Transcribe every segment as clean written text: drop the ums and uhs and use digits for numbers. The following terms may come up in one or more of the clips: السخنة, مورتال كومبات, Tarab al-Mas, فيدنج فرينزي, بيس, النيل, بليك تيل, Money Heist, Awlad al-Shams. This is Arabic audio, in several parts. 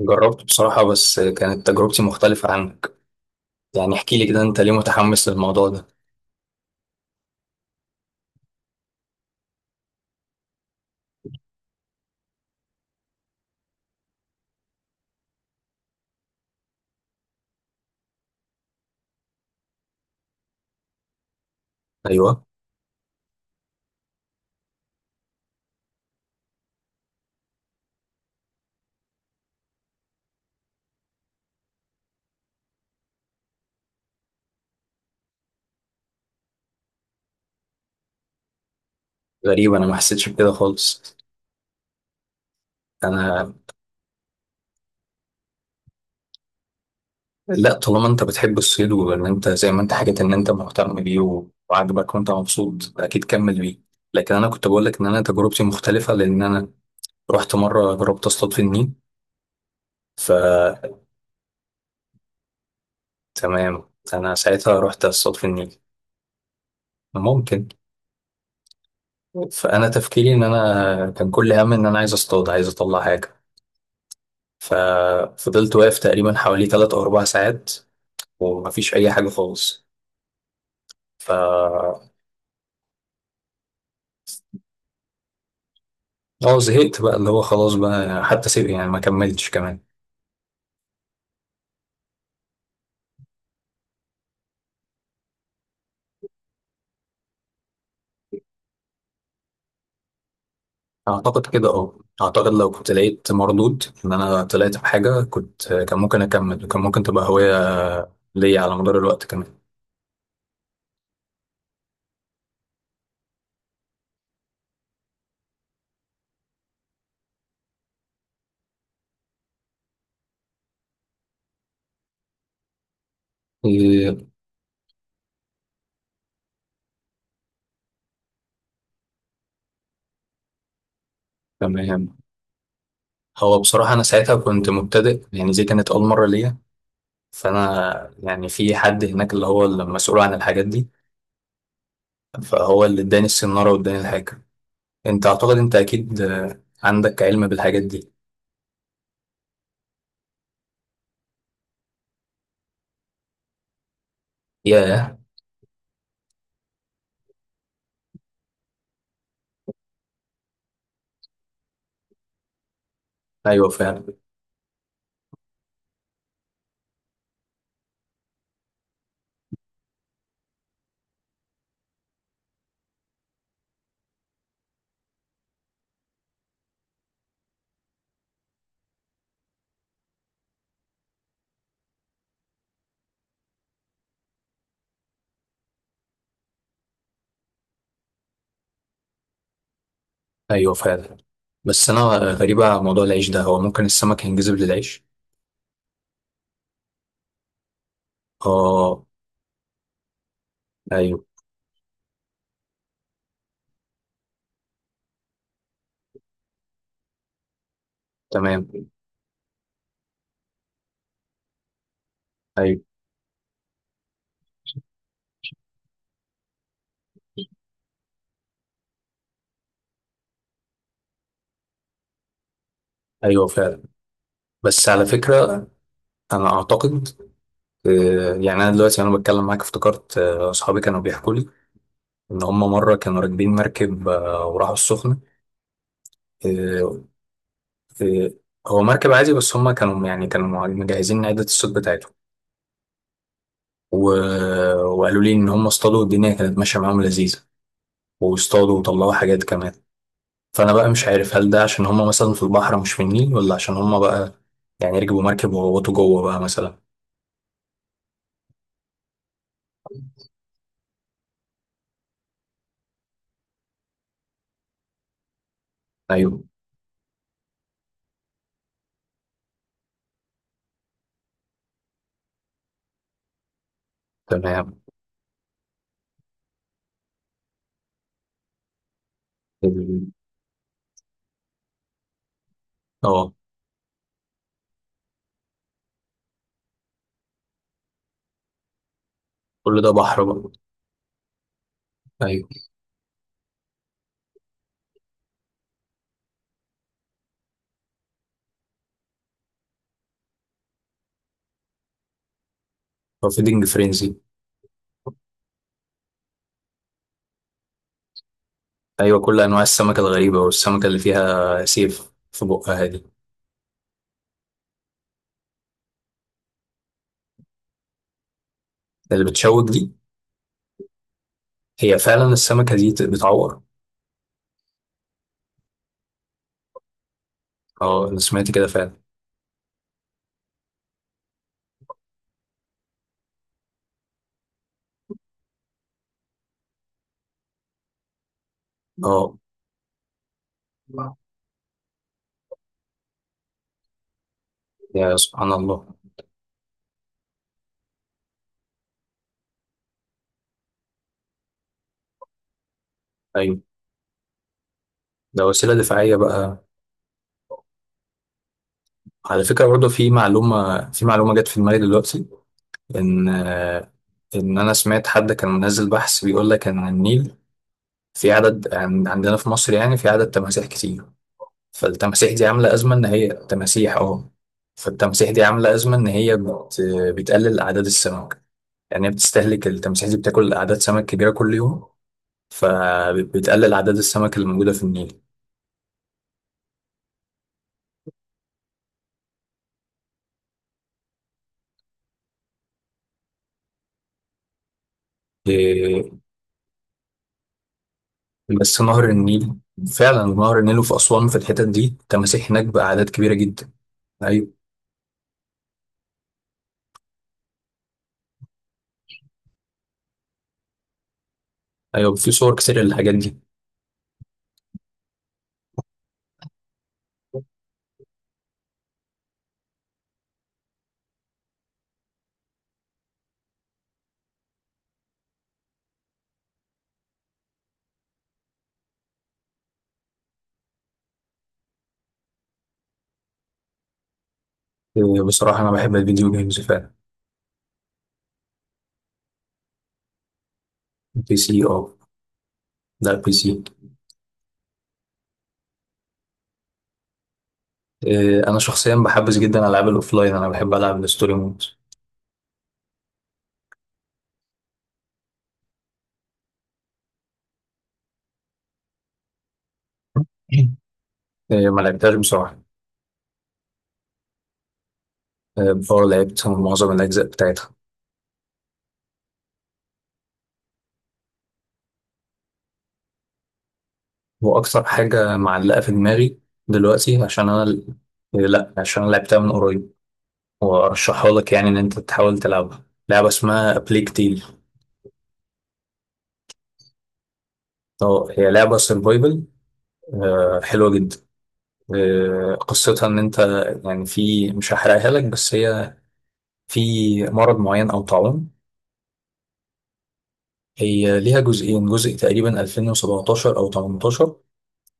جربت بصراحة بس كانت تجربتي مختلفة عنك. يعني احكي لي كده، انت ليه متحمس للموضوع ده؟ ايوه. غريب، انا ما حسيتش بكده خالص. انا. لا، طالما انت بتحب الصيد وان انت زي ما انت حكيت ان انت مهتم بيه و- وعاجبك وانت مبسوط، اكيد كمل بيه. لكن انا كنت بقول لك ان انا تجربتي مختلفة لان انا رحت مرة جربت اصطاد في النيل. فتمام. انا ساعتها رحت اصطاد في النيل. ممكن. فانا تفكيري ان انا كان كل همي ان انا عايز اصطاد، عايز اطلع حاجة. ففضلت واقف تقريبا حوالي تلات أو أربع ساعات ومفيش أي حاجة خالص. ف اه زهقت بقى، اللي هو خلاص بقى حتى سيب، يعني ما كملتش كمان. أعتقد كده. اه أعتقد لو كنت لقيت مردود إن أنا طلعت بحاجة، كنت كان ممكن أكمل، وكان ممكن تبقى هواية ليا على مدار الوقت كمان. إيه، تمام. هو بصراحة أنا ساعتها كنت مبتدئ، يعني دي كانت أول مرة ليا. فأنا يعني في حد هناك اللي هو المسؤول عن الحاجات دي، فهو اللي اداني السنارة واداني الحاجة. انت اعتقد، انت اكيد عندك علم بالحاجات دي. ياه. ايوه فعلا. ايوه فعلا. بس انا غريبة على موضوع العيش ده، هو ممكن السمك ينجذب للعيش؟ اه. ايوه. تمام. ايوه. ايوه فعلا. بس على فكرة، انا اعتقد يعني انا دلوقتي وانا بتكلم معاك افتكرت اصحابي كانوا بيحكوا لي ان هم مرة كانوا راكبين مركب وراحوا السخنة. آه. آه. هو مركب عادي بس هم كانوا يعني كانوا مجهزين عدة الصوت بتاعتهم. و... وقالوا لي ان هم اصطادوا، الدنيا كانت ماشيه معاهم لذيذه، واصطادوا وطلعوا حاجات كمان. فانا بقى مش عارف، هل ده عشان هم مثلا في البحر مش في النيل، ولا عشان هم بقى يعني ركبوا مركب وغوطوا جوه بقى مثلا. ايوه. تمام. ال- اه كل ده بحر بقى. ايوه. فيدنج فرينزي. ايوه، كل انواع السمكه الغريبه، والسمكه اللي فيها سيف في بقها دي. اللي بتشوك دي. هي فعلا السمكه دي بتعور. اه، انا سمعت كده فعلا. اه. يا سبحان الله. ايوه. ده وسيلة دفاعية بقى. على فكرة برضه، في معلومة جت في دماغي دلوقتي، إن إن أنا سمعت حد كان منزل بحث بيقول لك إن النيل، في عندنا في مصر، يعني في عدد تماسيح كتير. فالتماسيح دي عاملة أزمة إن هي تماسيح. فالتماسيح دي عاملة أزمة إن هي بتقلل أعداد السمك. يعني هي بتستهلك، التماسيح دي بتاكل أعداد سمك كبيرة كل يوم، فبتقلل أعداد السمك اللي موجودة في النيل. إيه، بس نهر النيل. فعلا نهر النيل، وفي أسوان في الحتت دي تماسيح هناك بأعداد كبيرة جدا. أيوه. أيوه، في صور كتير للحاجات دي. إيه، بصراحة أنا بحب الفيديو جيمز فعلا. بي سي، أه. لا، بي سي. إيه، أنا شخصيا بحبس جدا ألعاب الأوفلاين، أنا بحب ألعب الستوري مود. إيه، ما لعبتهاش بصراحة. إيه، بفور لعبت معظم الأجزاء بتاعتها. وأكثر حاجة معلقة في دماغي دلوقتي عشان أنا. إيه، لا، عشان أنا لعبتها من قريب، وأرشحها لك، يعني إن أنت تحاول تلعبها، لعبة اسمها بليك تيل. اه، هي لعبة سرفايفل، حلوة جدا. آه، قصتها ان انت، يعني في، مش هحرقها لك، بس هي في مرض معين او طاعون. هي ليها جزئين، جزء تقريبا 2017 او 18،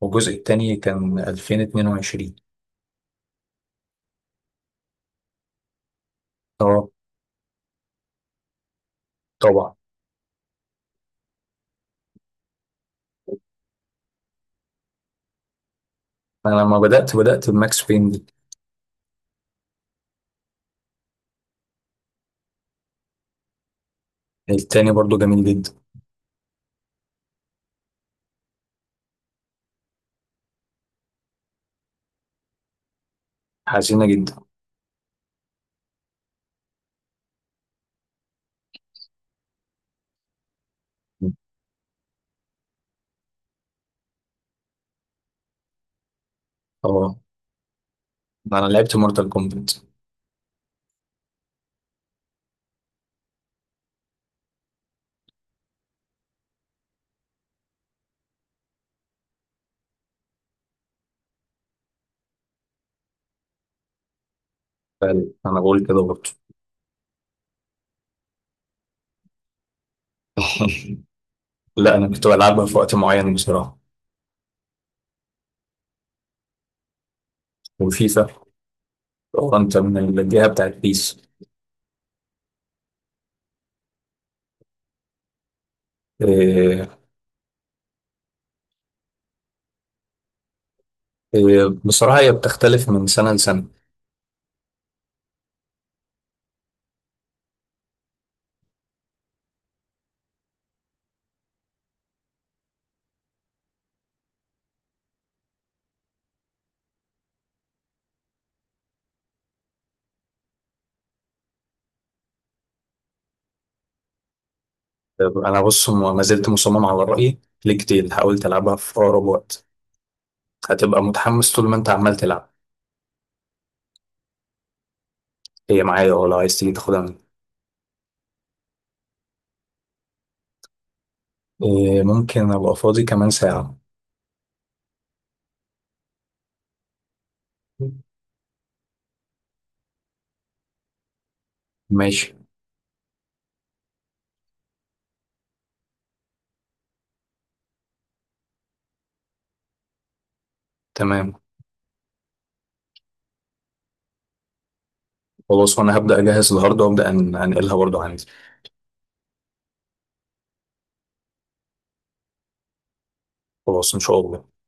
والجزء التاني كان 2022. اه، طبعا. انا لما بدأت بماكس بين دي. التاني برضو جميل جدا. حزينة جدا. اه، انا لعبت مورتال كومبات. انا بقول كده برضو. لا، انا كنت بلعبها في وقت معين بصراحة. وفيفا. وانت من الجهه بتاعت بيس. إيه. إيه، بصراحه هي بتختلف من سنه لسنه. آه، انا بص، ما زلت مصمم على رايي. كتير حاولت العبها، في اقرب وقت هتبقى متحمس طول ما انت عمال تلعب. هي معايا، اه، لو عايز تيجي تاخدها مني. إيه، ممكن ابقى فاضي كمان ساعه. ماشي. تمام. خلاص، وانا هبدا اجهز الهارد وابدا انقلها برضو عندي. خلاص، ان شاء الله.